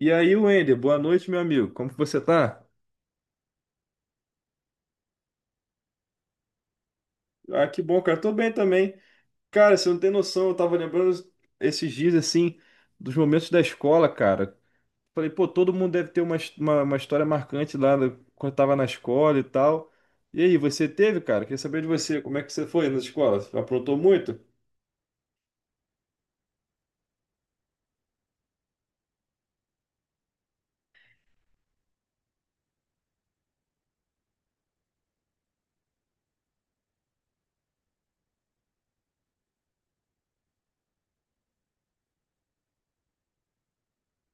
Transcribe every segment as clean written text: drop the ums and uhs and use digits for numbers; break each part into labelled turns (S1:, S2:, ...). S1: E aí, Wender, boa noite, meu amigo. Como que você tá? Ah, que bom, cara. Tô bem também. Cara, você não tem noção, eu tava lembrando esses dias, assim, dos momentos da escola, cara. Falei, pô, todo mundo deve ter uma história marcante lá quando tava na escola e tal. E aí, você teve, cara? Queria saber de você, como é que você foi na escola? Aprontou muito?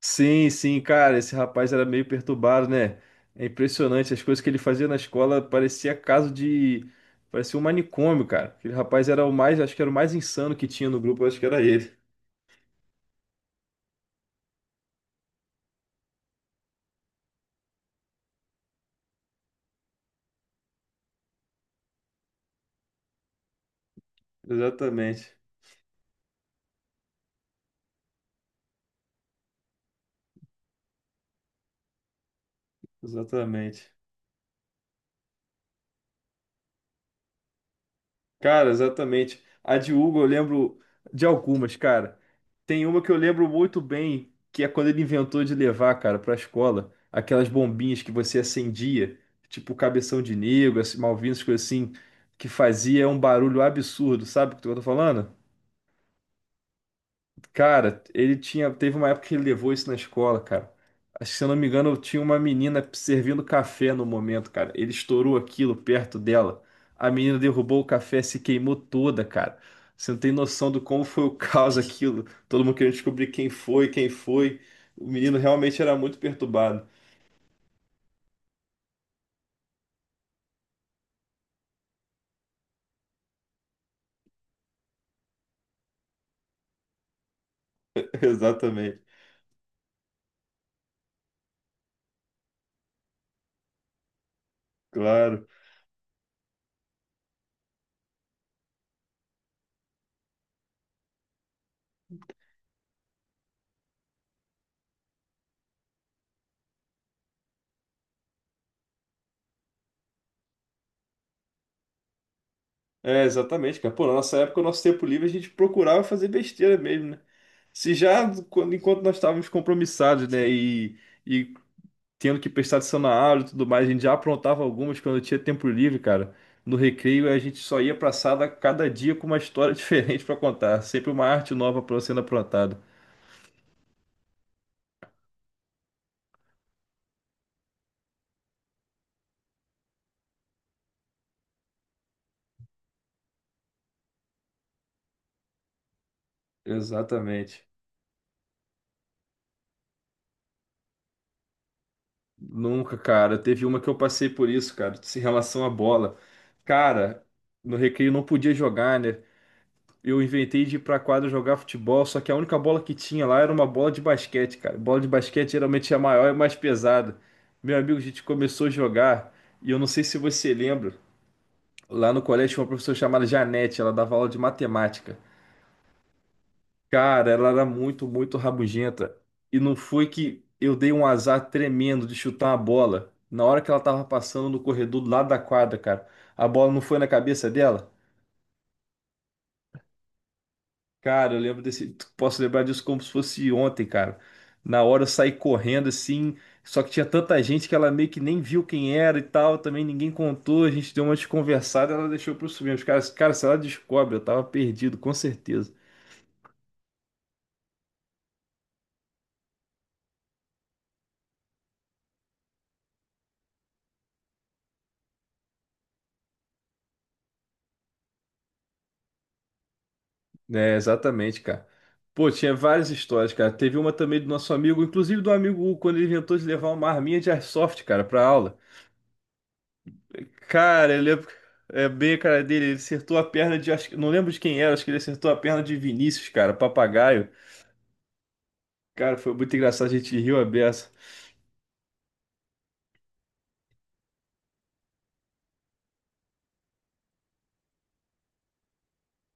S1: Sim, sim, cara, esse rapaz era meio perturbado, né? É impressionante, as coisas que ele fazia na escola parecia caso de. Parecia um manicômio, cara. Aquele rapaz era o mais, acho que era o mais insano que tinha no grupo, acho que era ele. Exatamente, exatamente. Cara, exatamente. A de Hugo eu lembro de algumas, cara. Tem uma que eu lembro muito bem, que é quando ele inventou de levar, cara, pra escola, aquelas bombinhas que você acendia, tipo cabeção de negro, esse Malvinas, coisa assim, que fazia um barulho absurdo, sabe o que eu tô falando? Cara, ele tinha. Teve uma época que ele levou isso na escola, cara. Acho que, se eu não me engano, tinha uma menina servindo café no momento, cara. Ele estourou aquilo perto dela. A menina derrubou o café, se queimou toda, cara. Você não tem noção do como foi o caos aquilo. Todo mundo querendo descobrir quem foi, quem foi. O menino realmente era muito perturbado. Exatamente. Claro. É, exatamente, cara. Pô, na nossa época, o nosso tempo livre, a gente procurava fazer besteira mesmo, né? Se já, enquanto nós estávamos compromissados, né? E tendo que prestar atenção na aula e tudo mais. A gente já aprontava algumas quando tinha tempo livre, cara. No recreio a gente só ia pra sala cada dia com uma história diferente pra contar, sempre uma arte nova para sendo aprontada. Exatamente. Nunca, cara. Teve uma que eu passei por isso, cara, em relação à bola. Cara, no recreio não podia jogar, né? Eu inventei de ir pra quadra jogar futebol, só que a única bola que tinha lá era uma bola de basquete, cara. Bola de basquete geralmente é maior e mais pesada. Meu amigo, a gente começou a jogar, e eu não sei se você lembra, lá no colégio tinha uma professora chamada Janete, ela dava aula de matemática. Cara, ela era muito, muito rabugenta. E não foi que eu dei um azar tremendo de chutar uma bola. Na hora que ela tava passando no corredor do lado da quadra, cara, a bola não foi na cabeça dela? Cara, eu lembro desse. Posso lembrar disso como se fosse ontem, cara. Na hora eu saí correndo assim, só que tinha tanta gente que ela meio que nem viu quem era e tal, também ninguém contou, a gente deu uma desconversada, ela deixou pra eu subir. Os caras, cara, se ela descobre, eu tava perdido, com certeza. É, exatamente, cara. Pô, tinha várias histórias, cara. Teve uma também do nosso amigo, inclusive do amigo Hugo, quando ele inventou de levar uma arminha de airsoft, cara, pra aula. Cara, ele lembro. É bem a cara dele, ele acertou a perna de. Não lembro de quem era, acho que ele acertou a perna de Vinícius, cara, papagaio. Cara, foi muito engraçado, a gente riu a beça.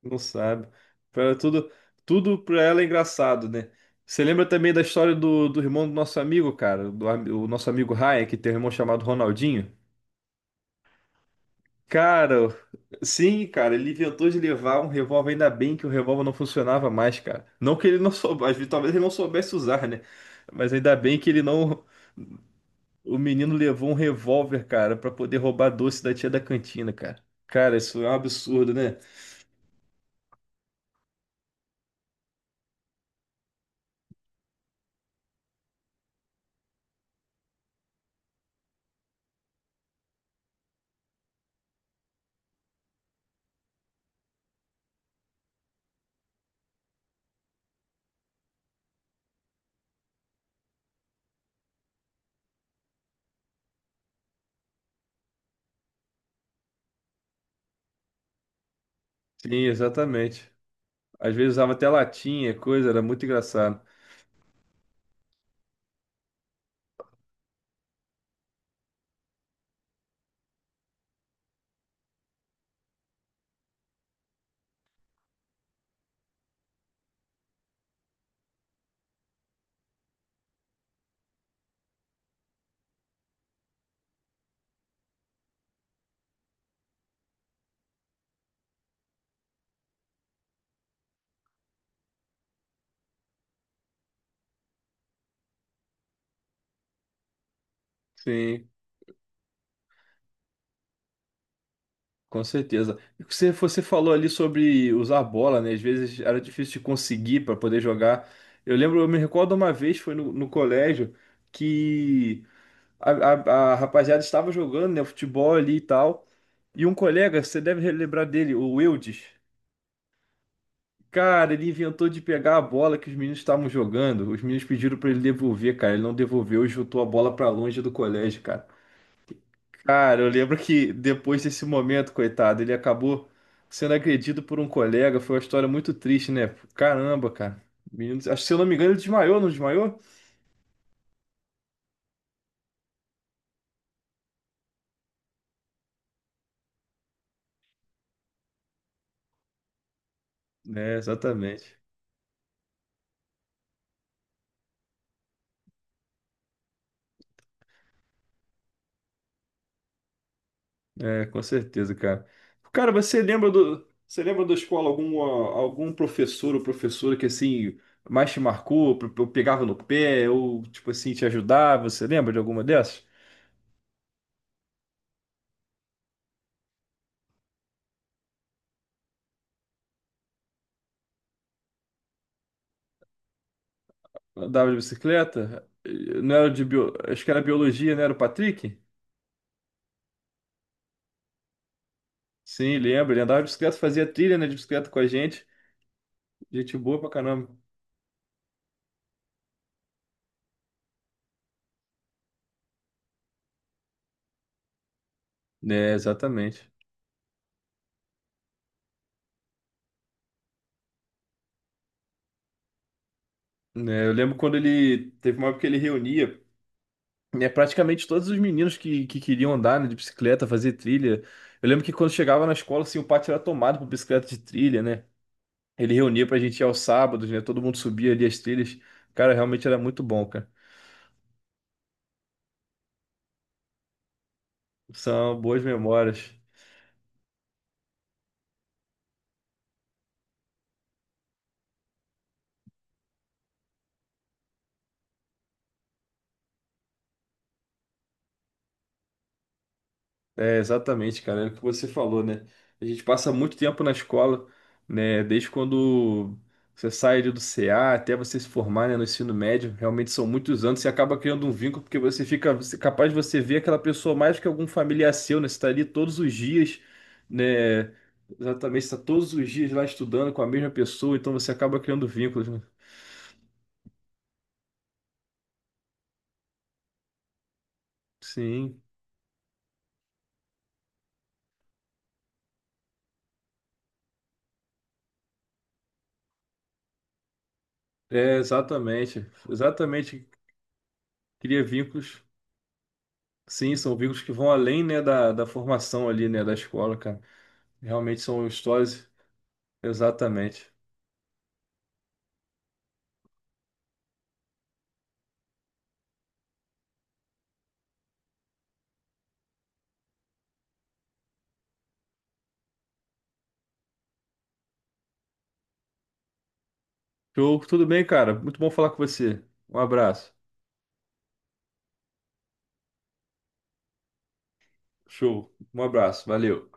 S1: Não sabe. Era tudo pra ela é engraçado, né? Você lembra também da história do irmão do nosso amigo, cara? O nosso amigo Ryan, que tem um irmão chamado Ronaldinho? Cara, sim, cara, ele inventou de levar um revólver, ainda bem que o revólver não funcionava mais, cara. Não que ele não soubesse, talvez ele não soubesse usar, né? Mas ainda bem que ele não. O menino levou um revólver, cara, pra poder roubar doce da tia da cantina, cara. Cara, isso é um absurdo, né? Sim, exatamente. Às vezes usava até latinha, coisa, era muito engraçado. Sim, com certeza. E você falou ali sobre usar bola, né? Às vezes era difícil de conseguir para poder jogar. Eu lembro, eu me recordo uma vez, foi no colégio, que a rapaziada estava jogando, né, futebol ali e tal. E um colega, você deve lembrar dele, o Wildes. Cara, ele inventou de pegar a bola que os meninos estavam jogando. Os meninos pediram pra ele devolver, cara. Ele não devolveu e chutou a bola pra longe do colégio, cara. Cara, eu lembro que depois desse momento, coitado, ele acabou sendo agredido por um colega. Foi uma história muito triste, né? Caramba, cara. Menino, acho que se eu não me engano, ele desmaiou, não desmaiou? É, exatamente. É, com certeza, cara. Cara, você lembra da escola algum, ah, algum professor ou professora que assim mais te marcou, pegava no pé ou tipo assim te ajudava? Você lembra de alguma dessas? Andava de bicicleta? Não era de bio. Acho que era biologia, não era o Patrick? Sim, lembro. Ele andava de bicicleta, fazia trilha, né, de bicicleta com a gente. Gente boa pra caramba. É, exatamente. Né, eu lembro quando ele teve uma época que ele reunia é, praticamente todos os meninos que queriam andar, né, de bicicleta, fazer trilha. Eu lembro que quando chegava na escola, assim, o pátio era tomado por bicicleta de trilha, né? Ele reunia pra gente ir aos sábados, né? Todo mundo subia ali as trilhas. Cara, realmente era muito bom, cara. São boas memórias. É, exatamente, cara, é o que você falou, né? A gente passa muito tempo na escola, né? Desde quando você sai ali do CA até você se formar, né, no ensino médio, realmente são muitos anos, você acaba criando um vínculo, porque você fica capaz de você ver aquela pessoa mais que algum familiar seu, né? Você tá ali todos os dias, né? Exatamente, você tá todos os dias lá estudando com a mesma pessoa, então você acaba criando vínculos, né? Sim, é, exatamente, exatamente, cria vínculos. Sim, são vínculos que vão além, né, da formação ali, né, da escola, cara. Realmente são histórias. Exatamente. Show, tudo bem, cara? Muito bom falar com você. Um abraço. Show, um abraço, valeu.